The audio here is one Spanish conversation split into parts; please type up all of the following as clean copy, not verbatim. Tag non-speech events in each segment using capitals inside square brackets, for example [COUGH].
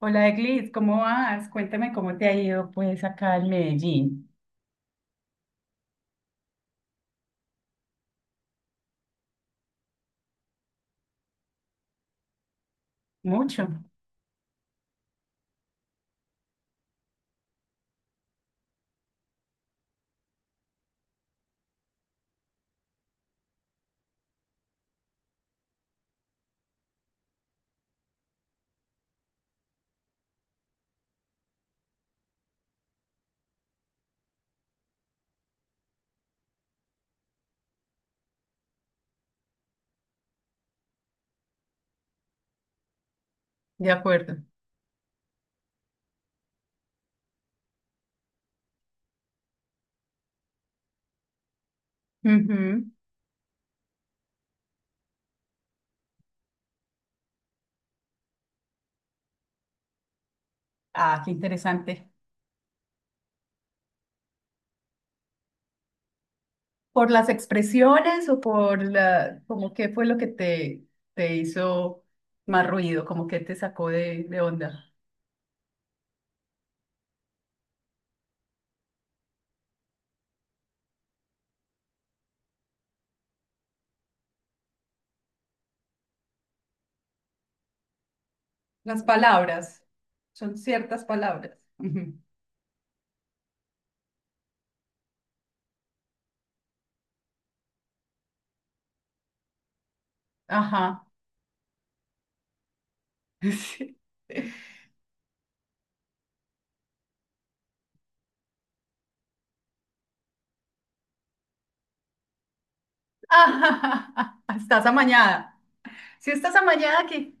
Hola Eglis, ¿cómo vas? Cuéntame cómo te ha ido pues acá en Medellín. Mucho. De acuerdo. Ujú. Ah, qué interesante. ¿Por las expresiones o por la, como qué fue lo que te hizo más ruido, como que te sacó de onda? Las palabras. Son ciertas palabras. Ujú. Ajá. [LAUGHS] Sí. [LAUGHS] Ajá, estás amañada. Si estás amañada aquí.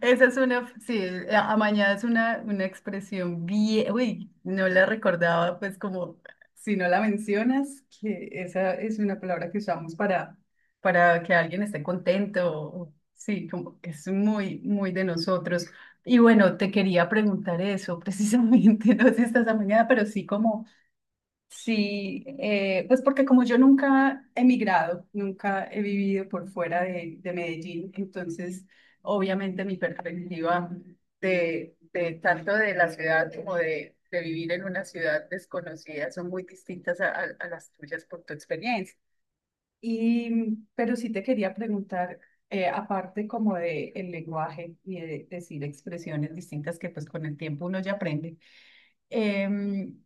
Esa es una, sí, amañada es una expresión bien, uy, no la recordaba, pues como si no la mencionas, que esa es una palabra que usamos para que alguien esté contento, o sí, como que es muy, muy de nosotros. Y bueno, te quería preguntar eso precisamente, [LAUGHS] no si estás amañada, pero sí como... Sí, pues porque como yo nunca he migrado, nunca he vivido por fuera de Medellín, entonces obviamente mi perspectiva de tanto de la ciudad como de vivir en una ciudad desconocida son muy distintas a las tuyas por tu experiencia. Y, mm, pero sí te quería preguntar, aparte como de el lenguaje y de decir expresiones distintas que pues con el tiempo uno ya aprende. em,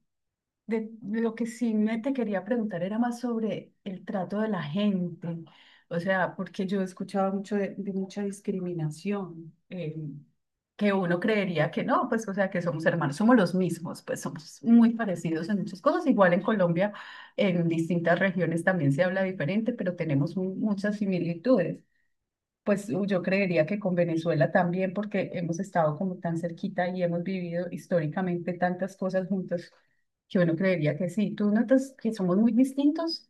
de, lo que sí me te quería preguntar era más sobre el trato de la gente, o sea, porque yo he escuchado mucho de mucha discriminación, que uno creería que no, pues, o sea, que somos hermanos, somos los mismos, pues somos muy parecidos en muchas cosas, igual en Colombia, en distintas regiones también se habla diferente, pero tenemos mu- muchas similitudes. Pues u- yo creería que con Venezuela también, porque hemos estado como tan cerquita y hemos vivido históricamente tantas cosas juntos, que uno creería que sí. Tú notas que somos muy distintos,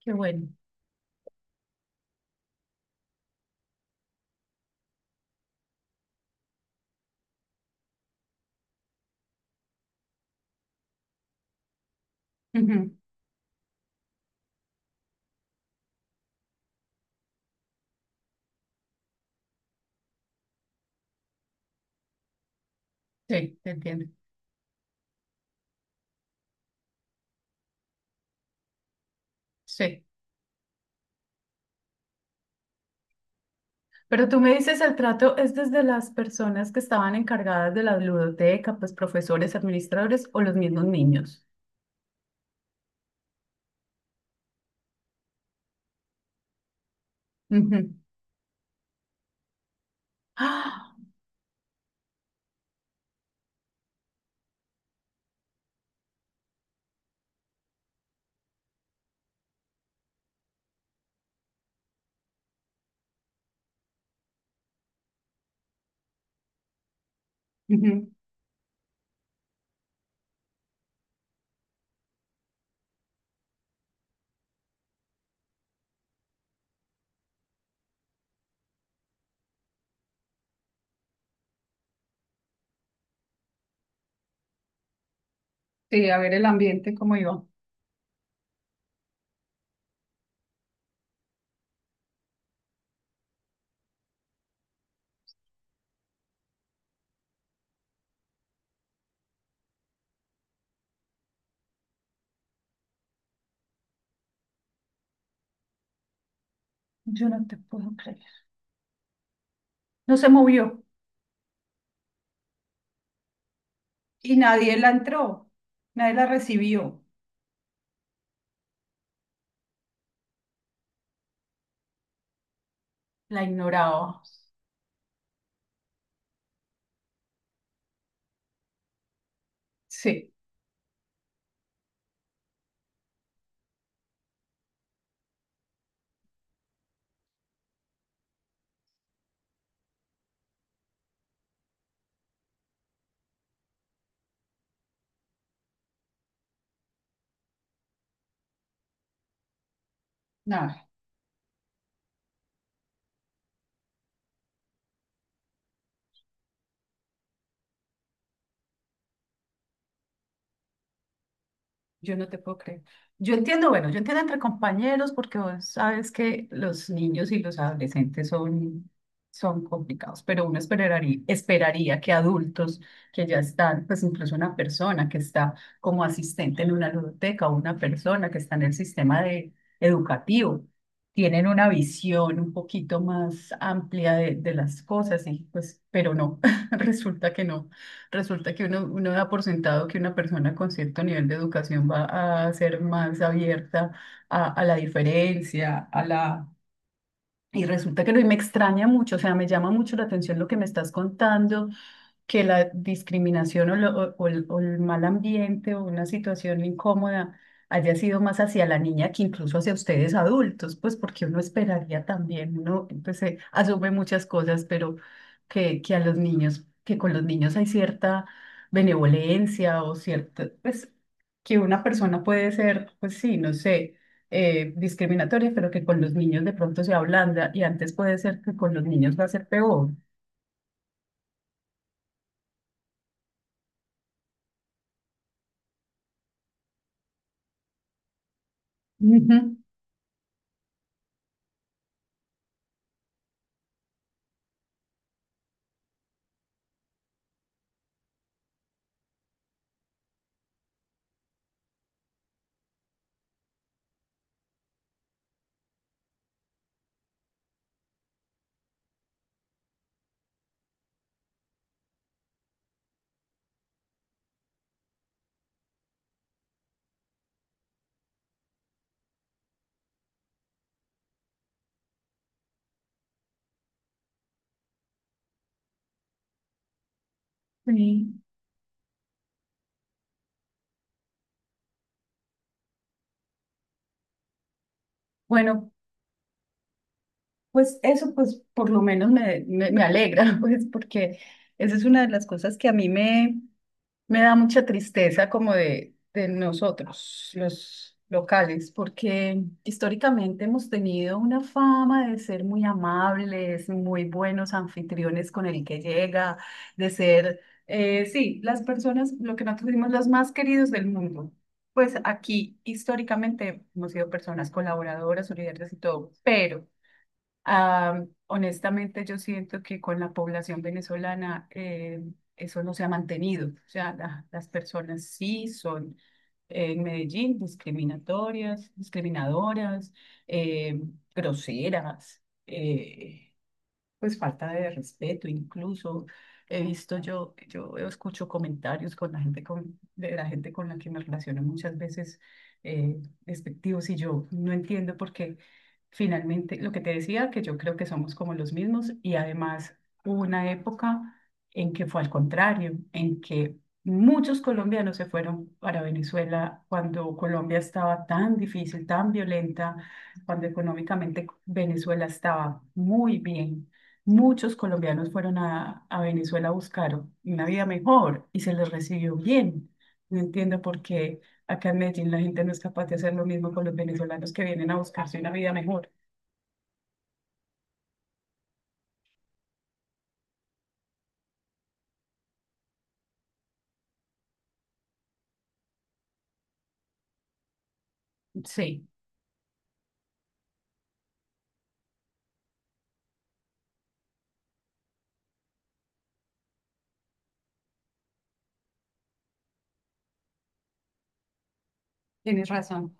qué bueno. Ujú. Sí, te entiendo. Sí. Pero tú me dices, el trato es desde las personas que estaban encargadas de la ludoteca, pues profesores, administradores o los mismos niños. Ujú. ¡Ah! Ujú. Sí, a ver el ambiente cómo iba. Yo no te puedo creer. No se movió. Y nadie la entró, nadie la recibió, la ignoraba. Sí, nada. Yo no te puedo creer. Yo entiendo, bueno, yo entiendo entre compañeros porque vos sabes que los niños y los adolescentes son, son complicados, pero uno esperaría, esperaría que adultos que ya están, pues incluso una persona que está como asistente en una ludoteca o una persona que está en el sistema de, educativo, tienen una visión un poquito más amplia de las cosas, y pues, pero no, [LAUGHS] resulta que no. Resulta que uno, uno da por sentado que una persona con cierto nivel de educación va a ser más abierta a la diferencia, a la... Y resulta que no, y me extraña mucho, o sea, me llama mucho la atención lo que me estás contando que la discriminación o, lo- o el mal ambiente o una situación incómoda haya sido más hacia la niña que incluso hacia ustedes adultos, pues porque uno esperaría también, uno pues, asume muchas cosas, pero que a los niños, que con los niños hay cierta benevolencia o cierta, pues que una persona puede ser, pues sí, no sé. Discriminatoria, pero que con los niños de pronto se ablanda y antes puede ser que con los niños va a ser peor. Ujú. Sí. Bueno, pues eso pues por lo menos me, me, me alegra, [LAUGHS] pues porque esa es una de las cosas que a mí me, me da mucha tristeza como de nosotros, los locales, porque históricamente hemos tenido una fama de ser muy amables, muy buenos anfitriones con el que llega, de ser, sí, las personas, lo que nosotros decimos, los más queridos del mundo. Pues aquí históricamente hemos sido personas colaboradoras, solidarias y todo, pero... Ah, honestamente, yo siento que con la población venezolana eso no se ha mantenido. O sea, la- las personas sí son en Medellín discriminatorias, discriminadoras, eh, groseras. Pues falta de respeto, incluso he visto yo, yo escucho comentarios con la gente con, de la gente con la que me relaciono muchas veces eh, despectivos y yo no entiendo por qué finalmente lo que te decía, que yo creo que somos como los mismos y además hubo una época en que fue al contrario, en que muchos colombianos se fueron para Venezuela cuando Colombia estaba tan difícil, tan violenta cuando económicamente Venezuela estaba muy bien. Muchos colombianos fueron a Venezuela a buscar una vida mejor y se les recibió bien. No entiendo por qué acá en Medellín la gente no es capaz de hacer lo mismo con los venezolanos que vienen a buscarse una vida mejor. Sí, tienes razón.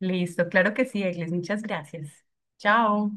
Listo, claro que sí, Eglis. Muchas gracias. Chao.